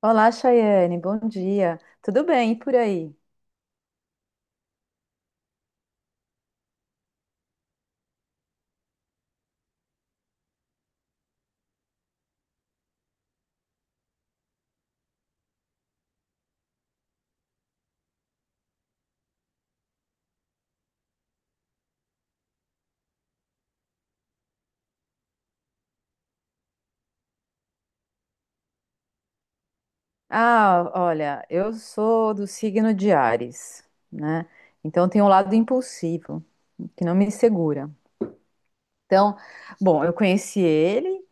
Olá, Chayane, bom dia. Tudo bem e por aí? Ah, olha, eu sou do signo de Áries, né? Então tem um lado impulsivo que não me segura. Então, bom, eu conheci ele,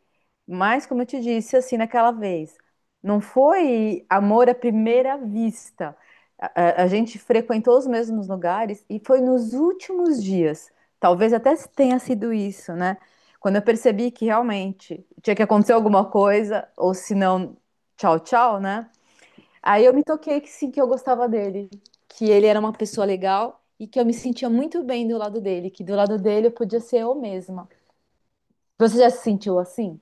mas, como eu te disse, assim, naquela vez, não foi amor à primeira vista. A gente frequentou os mesmos lugares e foi nos últimos dias. Talvez até tenha sido isso, né? Quando eu percebi que realmente tinha que acontecer alguma coisa, ou se não, tchau, tchau, né? Aí eu me toquei que sim, que eu gostava dele, que ele era uma pessoa legal e que eu me sentia muito bem do lado dele, que do lado dele eu podia ser eu mesma. Você já se sentiu assim?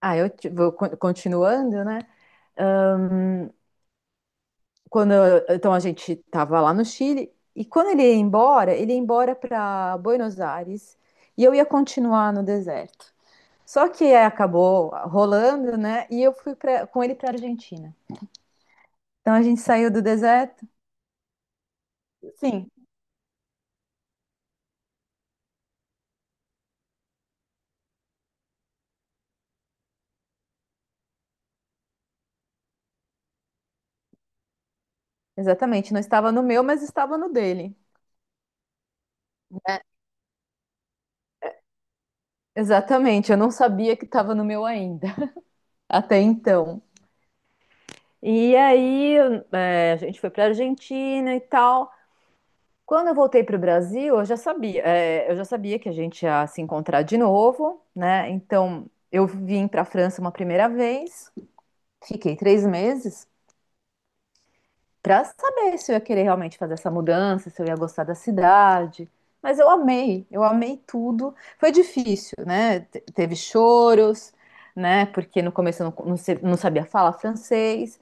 Ah, eu te- vou con- continuando, né? Ahn, então a gente estava lá no Chile e quando ele ia embora para Buenos Aires e eu ia continuar no deserto. Só que é, acabou rolando, né? E eu fui com ele para Argentina. Então a gente saiu do deserto. Sim, exatamente. Não estava no meu, mas estava no dele. Exatamente. Eu não sabia que estava no meu ainda até então. E aí, a gente foi para Argentina e tal. Quando eu voltei para o Brasil, eu já sabia que a gente ia se encontrar de novo, né? Então, eu vim para a França uma primeira vez, fiquei 3 meses para saber se eu ia querer realmente fazer essa mudança, se eu ia gostar da cidade. Mas eu amei tudo. Foi difícil, né? Teve choros, né? Porque no começo eu não, não se- não sabia falar francês.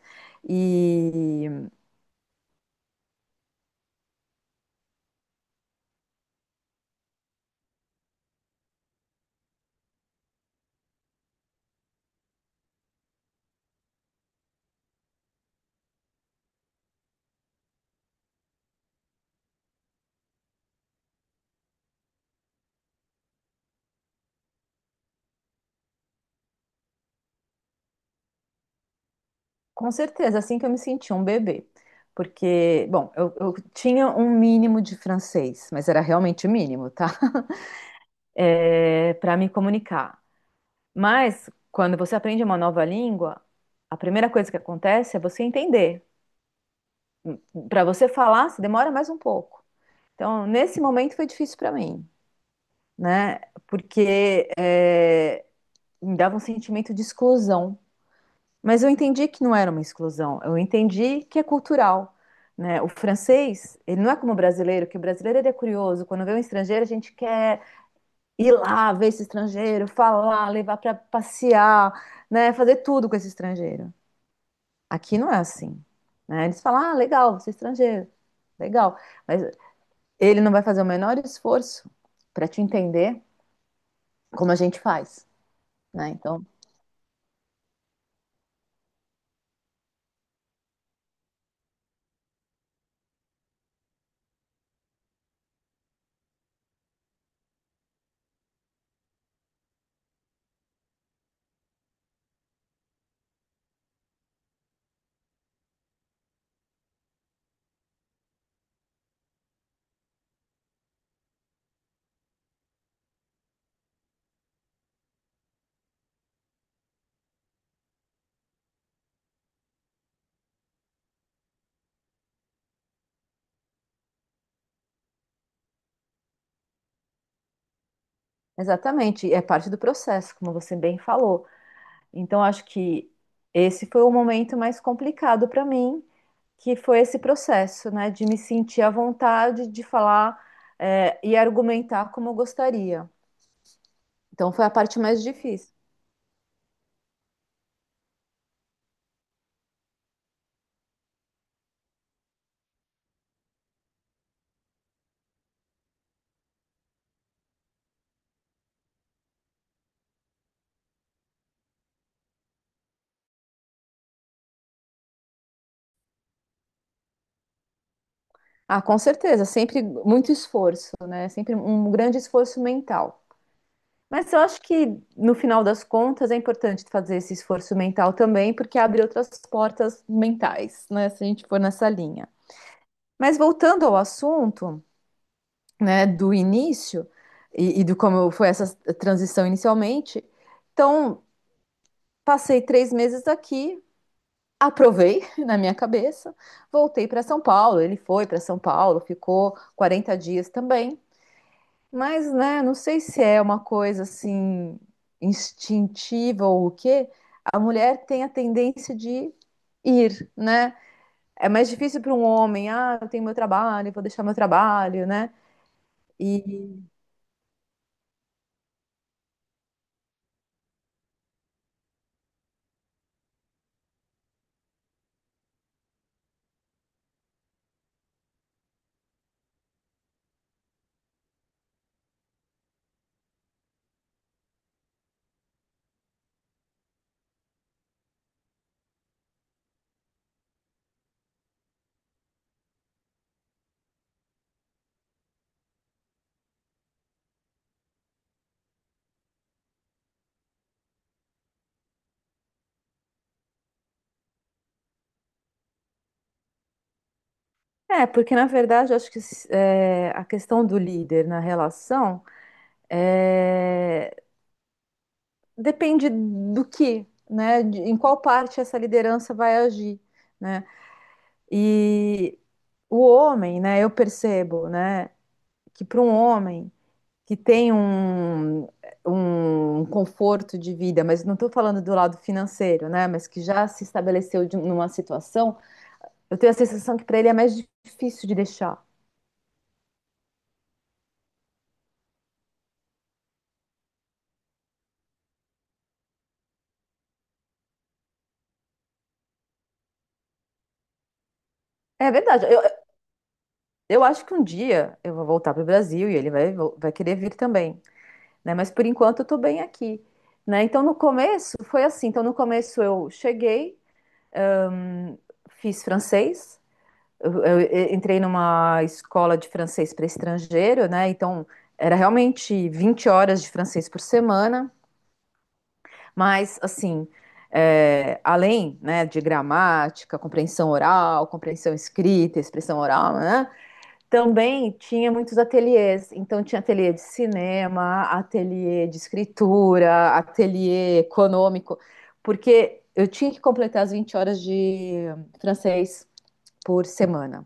Com certeza, assim que eu me senti um bebê. Porque, bom, eu tinha um mínimo de francês, mas era realmente mínimo, tá? É, para me comunicar. Mas, quando você aprende uma nova língua, a primeira coisa que acontece é você entender. Para você falar, se demora mais um pouco. Então, nesse momento foi difícil para mim, né? Porque me dava um sentimento de exclusão. Mas eu entendi que não era uma exclusão, eu entendi que é cultural, né? O francês, ele não é como o brasileiro, que o brasileiro ele é curioso, quando vê um estrangeiro, a gente quer ir lá, ver esse estrangeiro, falar, levar para passear, né, fazer tudo com esse estrangeiro. Aqui não é assim, né? Eles falam: "Ah, legal, você é estrangeiro". Legal, mas ele não vai fazer o menor esforço para te entender como a gente faz, né? Então, exatamente, é parte do processo, como você bem falou. Então, acho que esse foi o momento mais complicado para mim, que foi esse processo, né, de me sentir à vontade de falar, e argumentar como eu gostaria. Então, foi a parte mais difícil. Ah, com certeza, sempre muito esforço, né? Sempre um grande esforço mental. Mas eu acho que no final das contas é importante fazer esse esforço mental também, porque abre outras portas mentais, né? Se a gente for nessa linha. Mas voltando ao assunto, né, do início e do como foi essa transição inicialmente. Então, passei 3 meses aqui, aprovei na minha cabeça, voltei para São Paulo. Ele foi para São Paulo, ficou 40 dias também. Mas, né, não sei se é uma coisa assim instintiva ou o quê, a mulher tem a tendência de ir, né? É mais difícil para um homem, ah, eu tenho meu trabalho, vou deixar meu trabalho, né? E porque na verdade eu acho que a questão do líder na relação é, depende do que, né? Em qual parte essa liderança vai agir, né? E o homem, né? Eu percebo, né? Que para um homem que tem um conforto de vida, mas não estou falando do lado financeiro, né? Mas que já se estabeleceu numa situação, eu tenho a sensação que para ele é mais difícil de deixar. É verdade. Eu acho que um dia eu vou voltar para o Brasil e ele vai, vai querer vir também, né? Mas por enquanto eu tô bem aqui, né? Então no começo foi assim. Então no começo eu cheguei, hum, fiz francês, entrei numa escola de francês para estrangeiro, né? Então era realmente 20 horas de francês por semana, mas assim, além, né, de gramática, compreensão oral, compreensão escrita, expressão oral, né? Também tinha muitos ateliês, então tinha ateliê de cinema, ateliê de escritura, ateliê econômico, porque eu tinha que completar as 20 horas de francês por semana.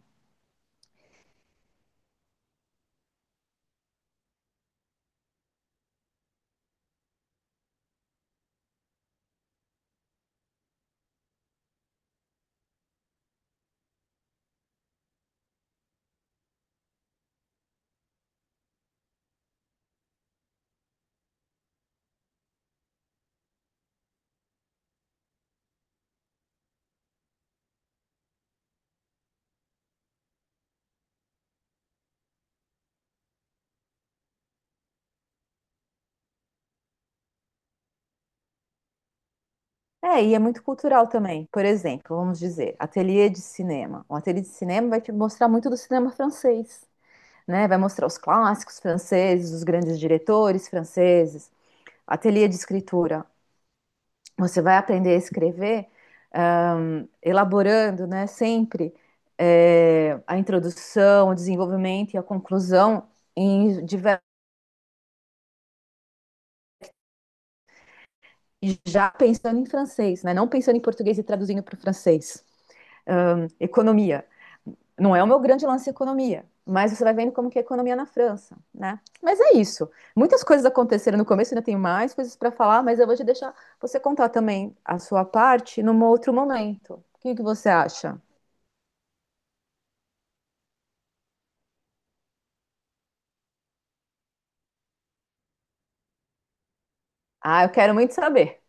É, e é muito cultural também. Por exemplo, vamos dizer, ateliê de cinema. Um ateliê de cinema vai te mostrar muito do cinema francês, né? Vai mostrar os clássicos franceses, os grandes diretores franceses. Ateliê de escritura. Você vai aprender a escrever, elaborando, né, sempre a introdução, o desenvolvimento e a conclusão em diver- já pensando em francês, né? Não pensando em português e traduzindo para o francês. Economia. Não é o meu grande lance economia, mas você vai vendo como que é a economia na França, né? Mas é isso. Muitas coisas aconteceram no começo, ainda tem mais coisas para falar, mas eu vou te deixar você contar também a sua parte num outro momento. O que que você acha? Ah, eu quero muito saber.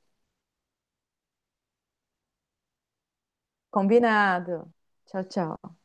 Combinado. Tchau, tchau.